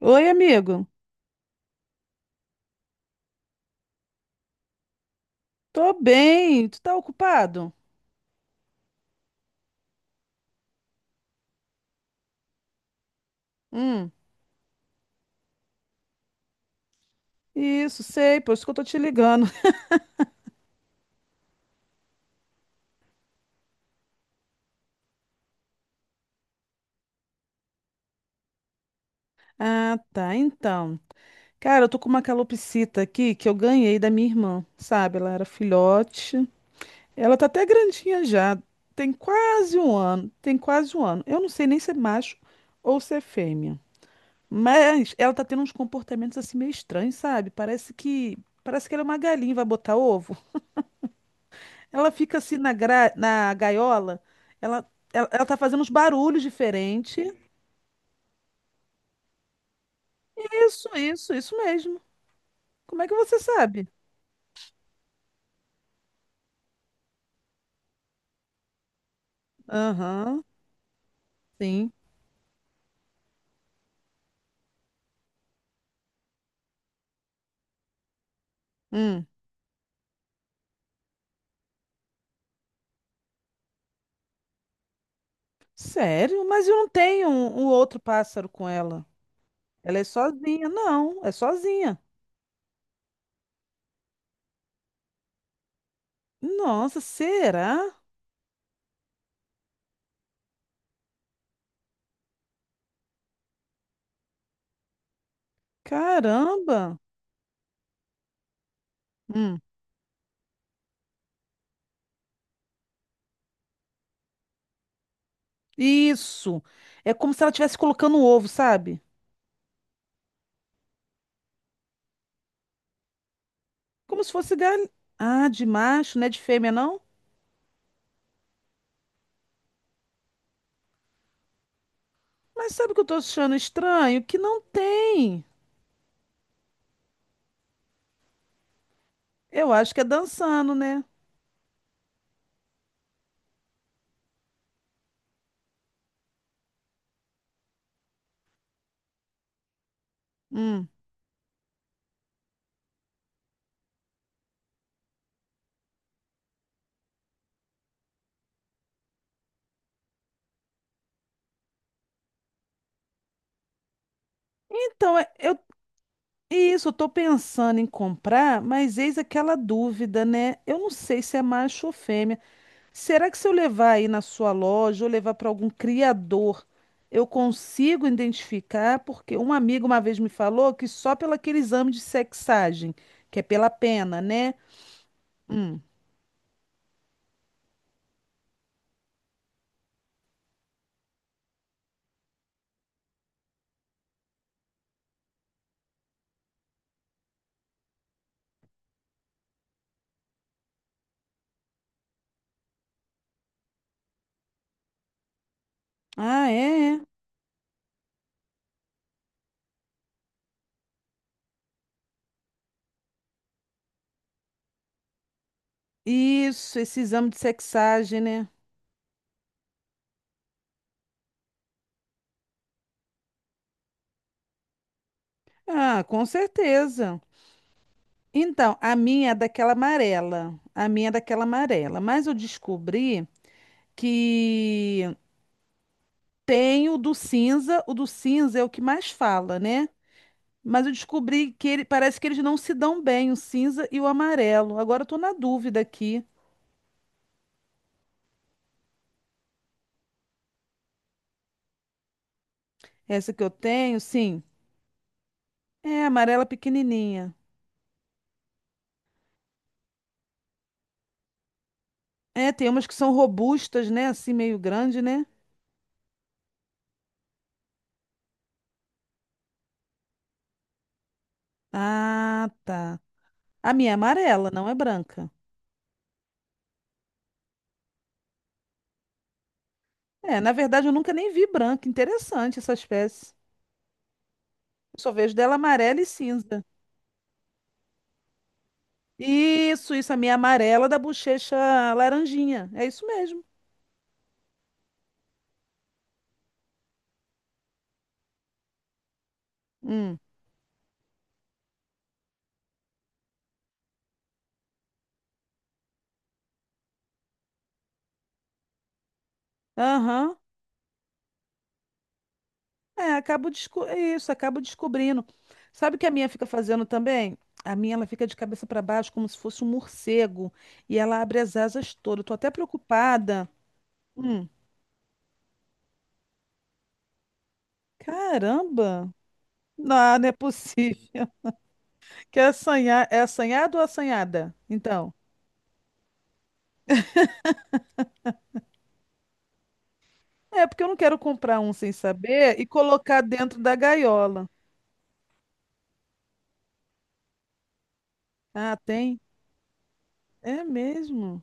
Oi, amigo. Tô bem. Tu tá ocupado? Hum, isso, sei, por isso que eu tô te ligando. Ah, tá. Então, cara, eu tô com uma calopsita aqui que eu ganhei da minha irmã, sabe? Ela era filhote. Ela tá até grandinha já. Tem quase um ano. Tem quase um ano. Eu não sei nem se é macho ou se é fêmea. Mas ela tá tendo uns comportamentos assim meio estranhos, sabe? Parece que ela é uma galinha, e vai botar ovo. Ela fica assim na, na gaiola, ela tá fazendo uns barulhos diferentes. Isso mesmo. Como é que você sabe? Aham, sim. Hum, sério? Mas eu não tenho um outro pássaro com ela. Ela é sozinha. Não, é sozinha. Nossa, será? Caramba. Hum, isso. É como se ela estivesse colocando um ovo, sabe? Como se fosse galinha. Ah, de macho, não é de fêmea, não? Mas sabe o que eu tô achando estranho? Que não tem. Eu acho que é dançando, né? Hum. Então, eu isso, eu tô pensando em comprar, mas eis aquela dúvida, né? Eu não sei se é macho ou fêmea. Será que se eu levar aí na sua loja ou levar para algum criador, eu consigo identificar? Porque um amigo uma vez me falou que só pelo aquele exame de sexagem, que é pela pena, né? Hum. Ah, é? É. Isso, esse exame de sexagem, né? Ah, com certeza. Então, a minha é daquela amarela. A minha é daquela amarela. Mas eu descobri que tem o do cinza. O do cinza é o que mais fala, né? Mas eu descobri que ele, parece que eles não se dão bem, o cinza e o amarelo. Agora eu tô na dúvida aqui. Essa que eu tenho, sim, é amarela pequenininha. É, tem umas que são robustas, né? Assim, meio grande, né? Ah, tá. A minha é amarela, não é branca. É, na verdade eu nunca nem vi branca. Interessante essa espécie. Eu só vejo dela amarela e cinza. Isso, a minha amarela da bochecha laranjinha. É isso mesmo. Hum. Aham. É, é isso, acabo descobrindo. Sabe o que a minha fica fazendo também? A minha, ela fica de cabeça para baixo, como se fosse um morcego. E ela abre as asas todas. Eu tô até preocupada. Hum. Caramba! Não, não é possível. Quer assanhar? É assanhado ou assanhada? Então. É, porque eu não quero comprar um sem saber e colocar dentro da gaiola. Ah, tem? É mesmo.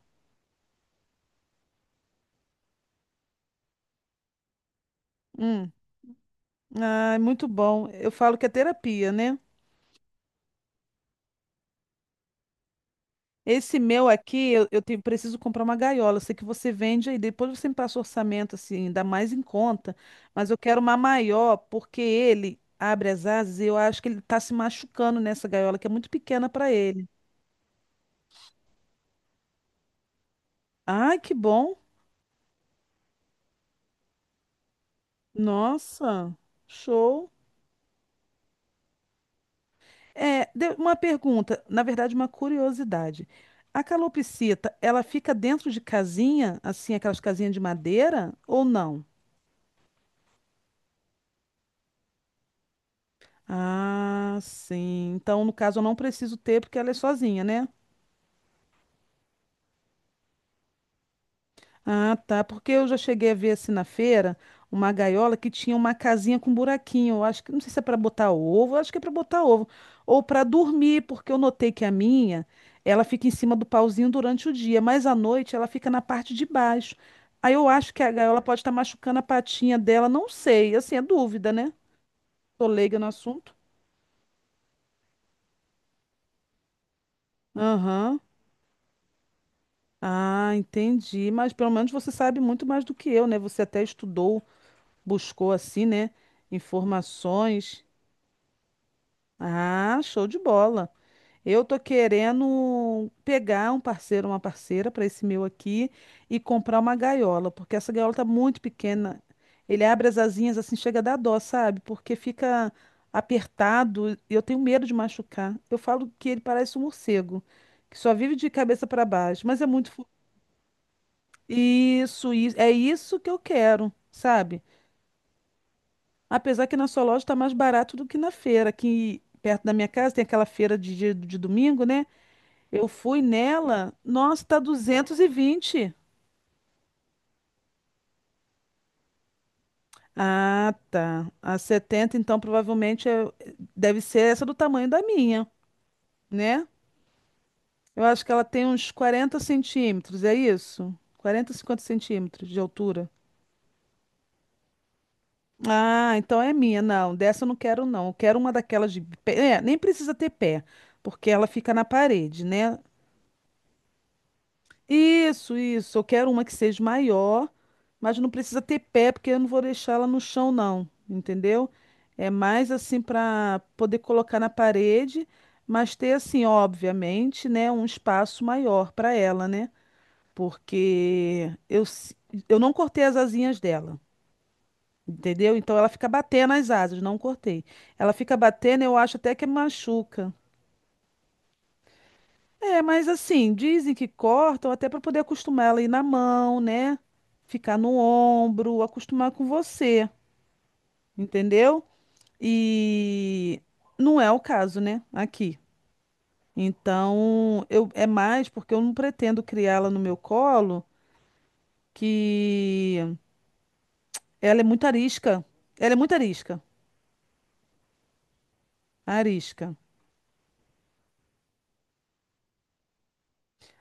Hum. Ah, é muito bom. Eu falo que é terapia, né? Esse meu aqui, eu tenho- preciso comprar uma gaiola. Eu sei que você vende aí, depois você me passa o orçamento, assim, ainda mais em conta. Mas eu quero uma maior, porque ele abre as asas e eu acho que ele tá se machucando nessa gaiola, que é muito pequena para ele. Ai, que bom. Nossa, show. É, uma pergunta, na verdade, uma curiosidade. A calopsita, ela fica dentro de casinha, assim, aquelas casinhas de madeira, ou não? Ah, sim. Então, no caso, eu não preciso ter porque ela é sozinha, né? Ah, tá. Porque eu já cheguei a ver assim na feira uma gaiola que tinha uma casinha com buraquinho. Eu acho que não sei se é para botar ovo, eu acho que é para botar ovo ou para dormir, porque eu notei que a minha, ela fica em cima do pauzinho durante o dia, mas à noite ela fica na parte de baixo. Aí eu acho que a gaiola pode estar machucando a patinha dela, não sei. Assim, é dúvida, né? Tô leiga no assunto. Aham. Ah, entendi. Mas pelo menos você sabe muito mais do que eu, né? Você até estudou, buscou assim, né? Informações. Ah, show de bola. Eu tô querendo pegar um parceiro, uma parceira para esse meu aqui e comprar uma gaiola, porque essa gaiola tá muito pequena. Ele abre as asinhas assim, chega a dar dó, sabe? Porque fica apertado e eu tenho medo de machucar. Eu falo que ele parece um morcego, que só vive de cabeça para baixo, mas é muito fo- Isso, é isso que eu quero, sabe? Apesar que na sua loja tá mais barato do que na feira, aqui perto da minha casa tem aquela feira de, de domingo, né? Eu fui nela, nossa, tá 220. Ah, tá. A 70 então, provavelmente deve ser essa do tamanho da minha, né? Eu acho que ela tem uns 40 centímetros, é isso? 40 50 centímetros de altura. Ah, então é minha. Não, dessa eu não quero, não. Eu quero uma daquelas de pé. É, nem precisa ter pé, porque ela fica na parede, né? Isso, isso. Eu quero uma que seja maior, mas não precisa ter pé, porque eu não vou deixar ela no chão, não. Entendeu? É mais assim para poder colocar na parede, mas ter assim, obviamente, né, um espaço maior para ela, né? Porque eu não cortei as asinhas dela, entendeu? Então ela fica batendo as asas, não cortei. Ela fica batendo, eu acho até que machuca. É, mas assim, dizem que cortam até para poder acostumar ela a ir na mão, né? Ficar no ombro, acostumar com você, entendeu? E não é o caso, né? Aqui. Então, eu é mais porque eu não pretendo criá-la no meu colo, que ela é muito arisca. Ela é muito arisca. Arisca.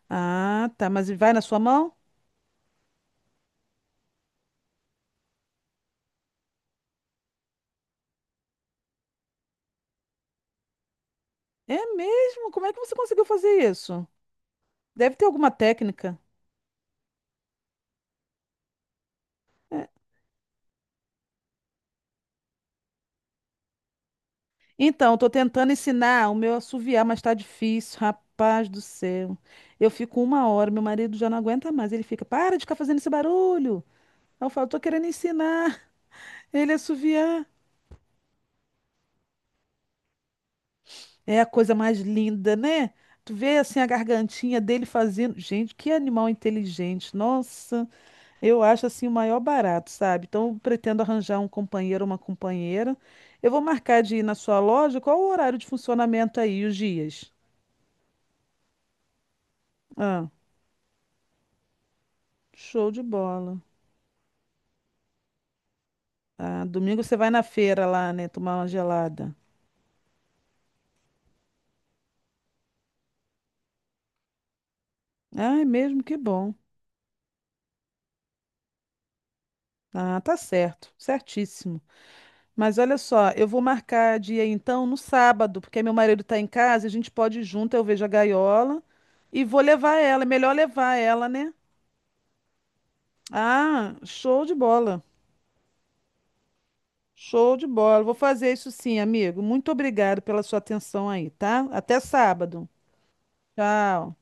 Ah, tá, mas vai na sua mão? É mesmo? Como é que você conseguiu fazer isso? Deve ter alguma técnica. Então, tô tentando ensinar o meu a assoviar, mas tá difícil, rapaz do céu. Eu fico uma hora, meu marido já não aguenta mais. Ele fica, para de ficar fazendo esse barulho. Aí eu falo, tô querendo ensinar ele a assoviar. É a coisa mais linda, né? Tu vê assim a gargantinha dele fazendo. Gente, que animal inteligente. Nossa, eu acho assim o maior barato, sabe? Então, eu pretendo arranjar um companheiro, uma companheira. Eu vou marcar de ir na sua loja. Qual o horário de funcionamento aí, os dias? Ah, show de bola. Ah, domingo você vai na feira lá, né? Tomar uma gelada. Ah, é mesmo? Que bom. Ah, tá certo. Certíssimo. Mas olha só, eu vou marcar dia então no sábado, porque meu marido tá em casa, a gente pode ir junto, eu vejo a gaiola e vou levar ela. É melhor levar ela, né? Ah, show de bola. Show de bola. Vou fazer isso sim, amigo. Muito obrigado pela sua atenção aí, tá? Até sábado. Tchau.